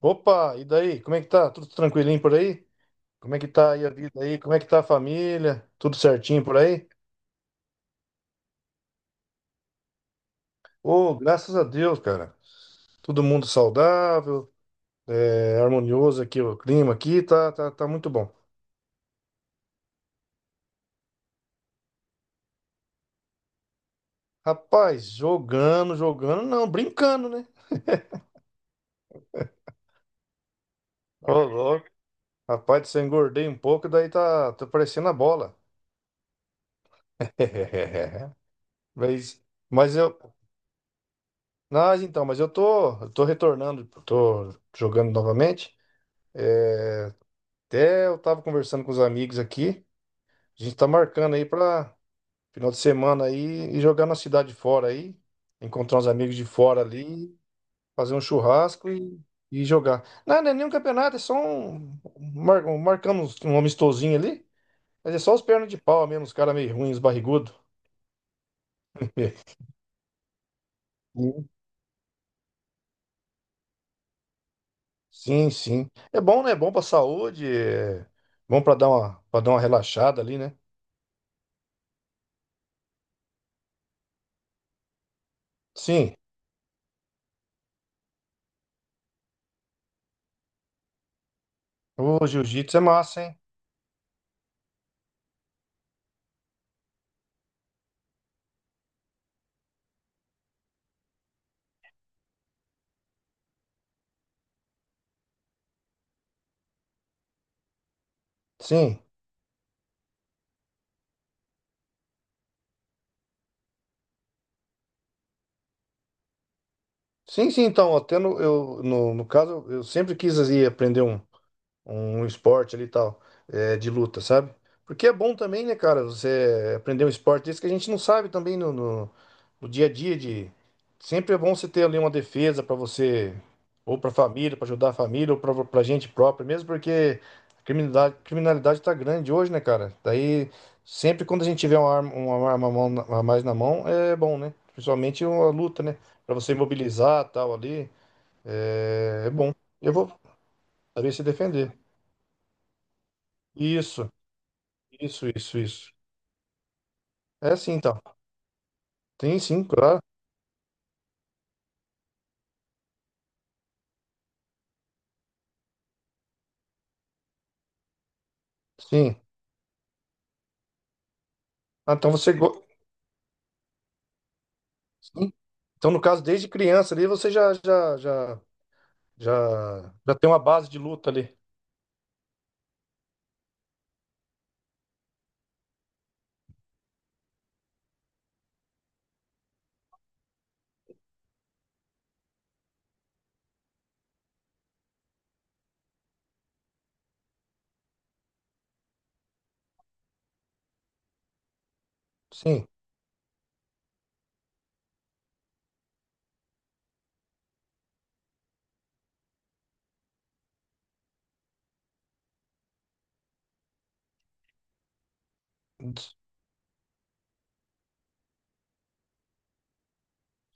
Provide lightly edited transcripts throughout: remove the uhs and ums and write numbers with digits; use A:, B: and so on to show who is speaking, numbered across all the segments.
A: Opa, e daí? Como é que tá? Tudo tranquilinho por aí? Como é que tá aí a vida aí? Como é que tá a família? Tudo certinho por aí? Ô, graças a Deus, cara. Todo mundo saudável, harmonioso aqui, o clima aqui tá muito bom. Rapaz, jogando, jogando, não, brincando, né? Ô, louco. Rapaz, se eu engordei um pouco, daí tá parecendo a bola. Mas, mas eu. Mas então, mas eu tô retornando, tô jogando novamente. É, Até eu tava conversando com os amigos aqui. A gente tá marcando aí pra final de semana aí e jogar na cidade fora aí. Encontrar uns amigos de fora ali, fazer um churrasco e jogar. Não, não é nenhum campeonato, é só marcamos um amistosinho ali. Mas é só os pernas de pau mesmo, os caras meio ruins, barrigudo. Sim, sim, sim. É bom, né? É bom pra saúde, é bom pra dar uma relaxada ali, né? Sim. O jiu-jitsu é massa, hein? Sim. Sim, sim, então, até no, eu, no, no caso, eu sempre quis ir aprender um esporte ali e tal, de luta, sabe? Porque é bom também, né, cara, você aprender um esporte desse que a gente não sabe também no dia a dia Sempre é bom você ter ali uma defesa pra você, ou pra família, pra ajudar a família, ou pra gente própria, mesmo porque a criminalidade, criminalidade tá grande hoje, né, cara? Daí, sempre quando a gente tiver uma arma a mão a mais na mão, é bom, né? Principalmente uma luta, né? Pra você imobilizar tal ali, é bom. Eu vou saber se defender. Isso. Isso, isso, isso. É sim, então. Tem sim, claro. Sim. Ah, então você. Sim. Então, no caso, desde criança ali, você já tem uma base de luta ali. Sim.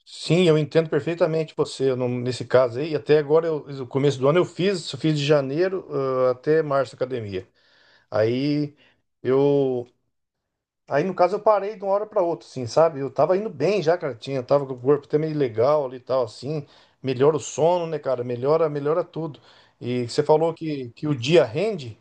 A: Sim, eu entendo perfeitamente você nesse caso aí. Até agora, eu, no começo do ano, eu fiz de janeiro, até março academia. Aí eu. Aí, no caso, eu parei de uma hora pra outra, assim, sabe? Eu tava indo bem já, cara. Tinha, tava com o corpo até meio legal ali e tal, assim. Melhora o sono, né, cara? Melhora, melhora tudo. E você falou que o dia rende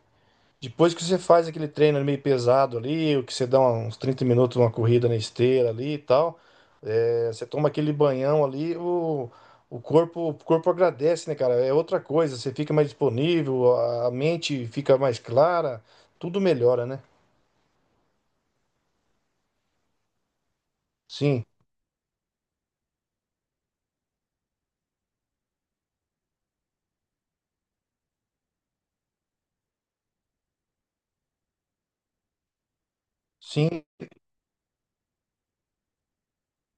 A: depois que você faz aquele treino meio pesado ali, o que você dá um, uns 30 minutos, uma corrida na esteira ali e tal. É, você toma aquele banhão ali, o corpo agradece, né, cara? É outra coisa. Você fica mais disponível, a mente fica mais clara, tudo melhora, né? Sim. Sim,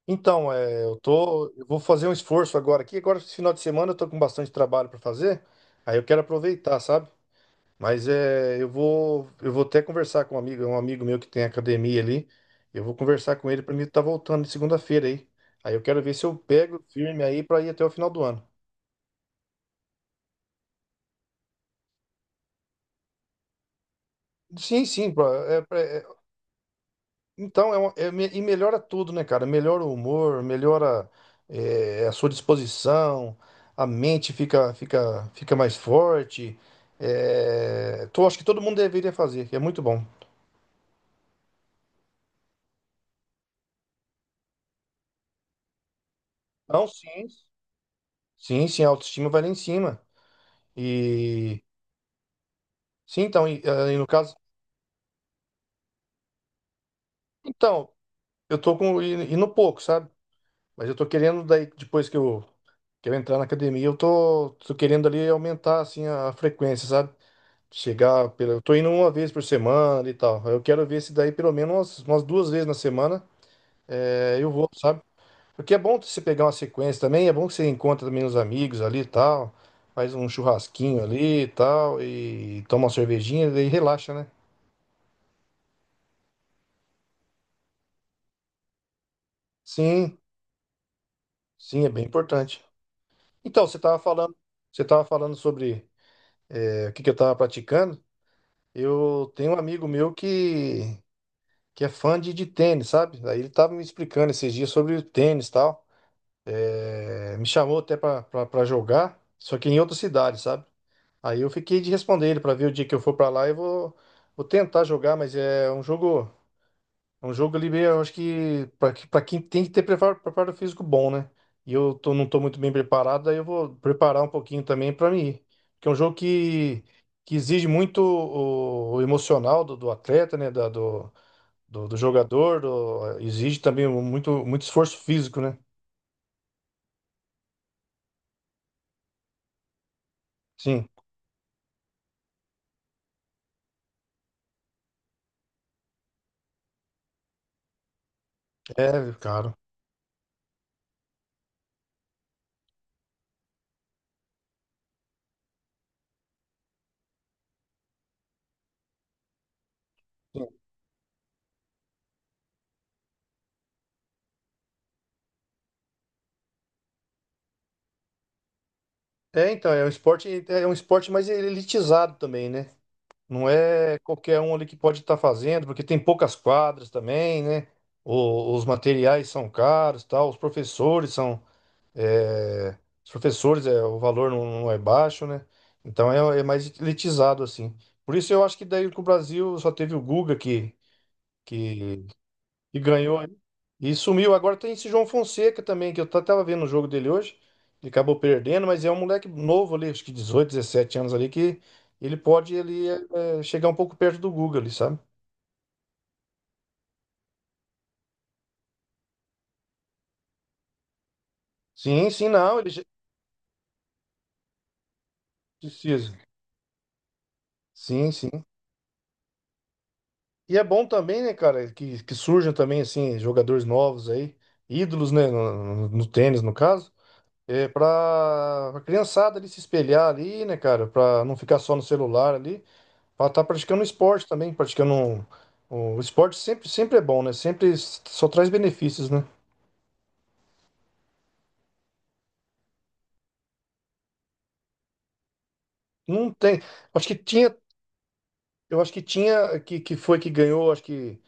A: então, eu tô, eu vou fazer um esforço agora aqui. Agora, esse final de semana, eu tô com bastante trabalho para fazer. Aí eu quero aproveitar, sabe? Mas é, eu vou até conversar com um amigo meu que tem academia ali. Eu vou conversar com ele para mim estar voltando de segunda-feira aí. Aí eu quero ver se eu pego firme aí para ir até o final do ano. Sim, sim, pô, então, melhora tudo, né, cara? Melhora o humor, melhora a sua disposição, a mente fica mais forte. Acho que todo mundo deveria fazer, que é muito bom. Não, sim. Sim, sim, a autoestima vai lá em cima. E sim, então, e no caso. Então, eu tô com. E no pouco, sabe? Mas eu tô querendo, daí, depois que eu entrar na academia, eu tô querendo ali aumentar assim, a frequência, sabe? Chegar, eu tô indo uma vez por semana e tal. Eu quero ver se daí pelo menos umas, umas 2 vezes na semana eu vou, sabe? Porque é bom você pegar uma sequência também, é bom que você encontra também os amigos ali e tal, faz um churrasquinho ali e tal, e toma uma cervejinha e daí relaxa, né? Sim, sim, é bem importante. Então, você tava falando sobre o que que eu tava praticando. Eu tenho um amigo meu que é fã de tênis, sabe? Aí ele tava me explicando esses dias sobre o tênis e tal. Me chamou até pra jogar, só que em outra cidade, sabe? Aí eu fiquei de responder ele pra ver o dia que eu for pra lá eu vou tentar jogar, mas é um jogo ali, meio, eu acho que pra quem tem que ter preparo, preparo físico bom, né? E eu não tô muito bem preparado, aí eu vou preparar um pouquinho também pra mim ir. Porque é um jogo que exige muito o emocional do atleta, né? Do jogador, exige também muito, muito esforço físico, né? Sim, é, cara. É, então, é um esporte, é é um esporte mais elitizado também, né? Não é qualquer um ali que pode estar fazendo, porque tem poucas quadras também, né? Os materiais são caros, tal, os professores são, é, os professores, é, o valor não é baixo, né? Então é mais elitizado assim. Por isso eu acho que daí que o Brasil só teve o Guga que, que ganhou aí. E sumiu. Agora tem esse João Fonseca também, que eu tava vendo o jogo dele hoje. Ele acabou perdendo, mas é um moleque novo ali, acho que 18 17 anos ali, que ele pode chegar um pouco perto do Guga ali, sabe? Sim, sim, não, precisa. Sim, sim. E é bom também, né, cara, que surjam também, assim, jogadores novos aí, ídolos, né, no tênis, no caso, pra, pra criançada ali se espelhar ali, né, cara, pra não ficar só no celular ali. Pra estar praticando esporte também, praticando o esporte sempre, sempre é bom, né? Sempre só traz benefícios, né? Não tem. Acho que tinha, eu acho que tinha que foi que ganhou, acho que,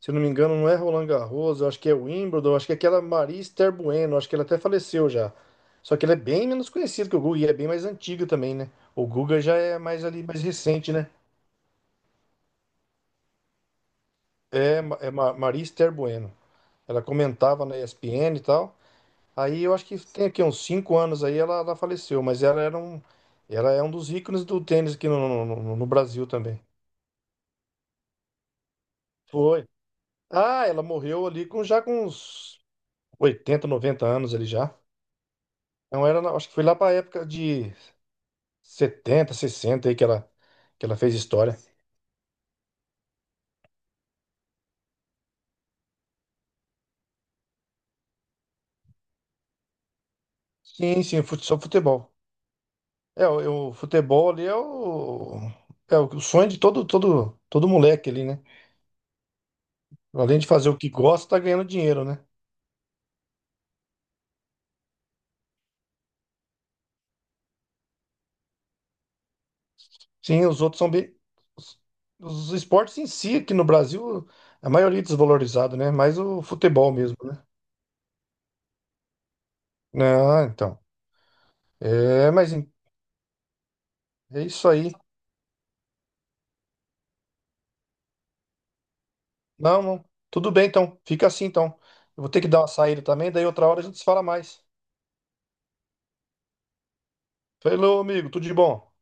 A: se eu não me engano, não é Roland Garros, eu acho que é Wimbledon, acho que é aquela Maria Esther Bueno, acho que ela até faleceu já. Só que ela é bem menos conhecida que o Guga e é bem mais antiga também, né? O Guga já é mais ali mais recente, né? Maria Esther Bueno. Ela comentava na ESPN e tal. Aí eu acho que tem aqui uns 5 anos aí ela faleceu, mas ela era um, ela é um dos ícones do tênis aqui no Brasil também. Foi. Ah, ela morreu ali com já com uns 80, 90 anos ali já. Então era, acho que foi lá para a época de 70, 60 aí que ela fez história. Sim, sim, só futebol. É, o futebol ali é o, é o sonho de todo, todo, todo moleque ali, né? Além de fazer o que gosta, tá ganhando dinheiro, né? Sim, os outros são bem. Os, os esportes em si, aqui no Brasil, a maioria é desvalorizado, né? Mais o futebol mesmo, né? Não, então. Mas é isso aí. Não, não. Tudo bem, então. Fica assim, então. Eu vou ter que dar uma saída também, daí outra hora a gente se fala mais. Falou, amigo. Tudo de bom.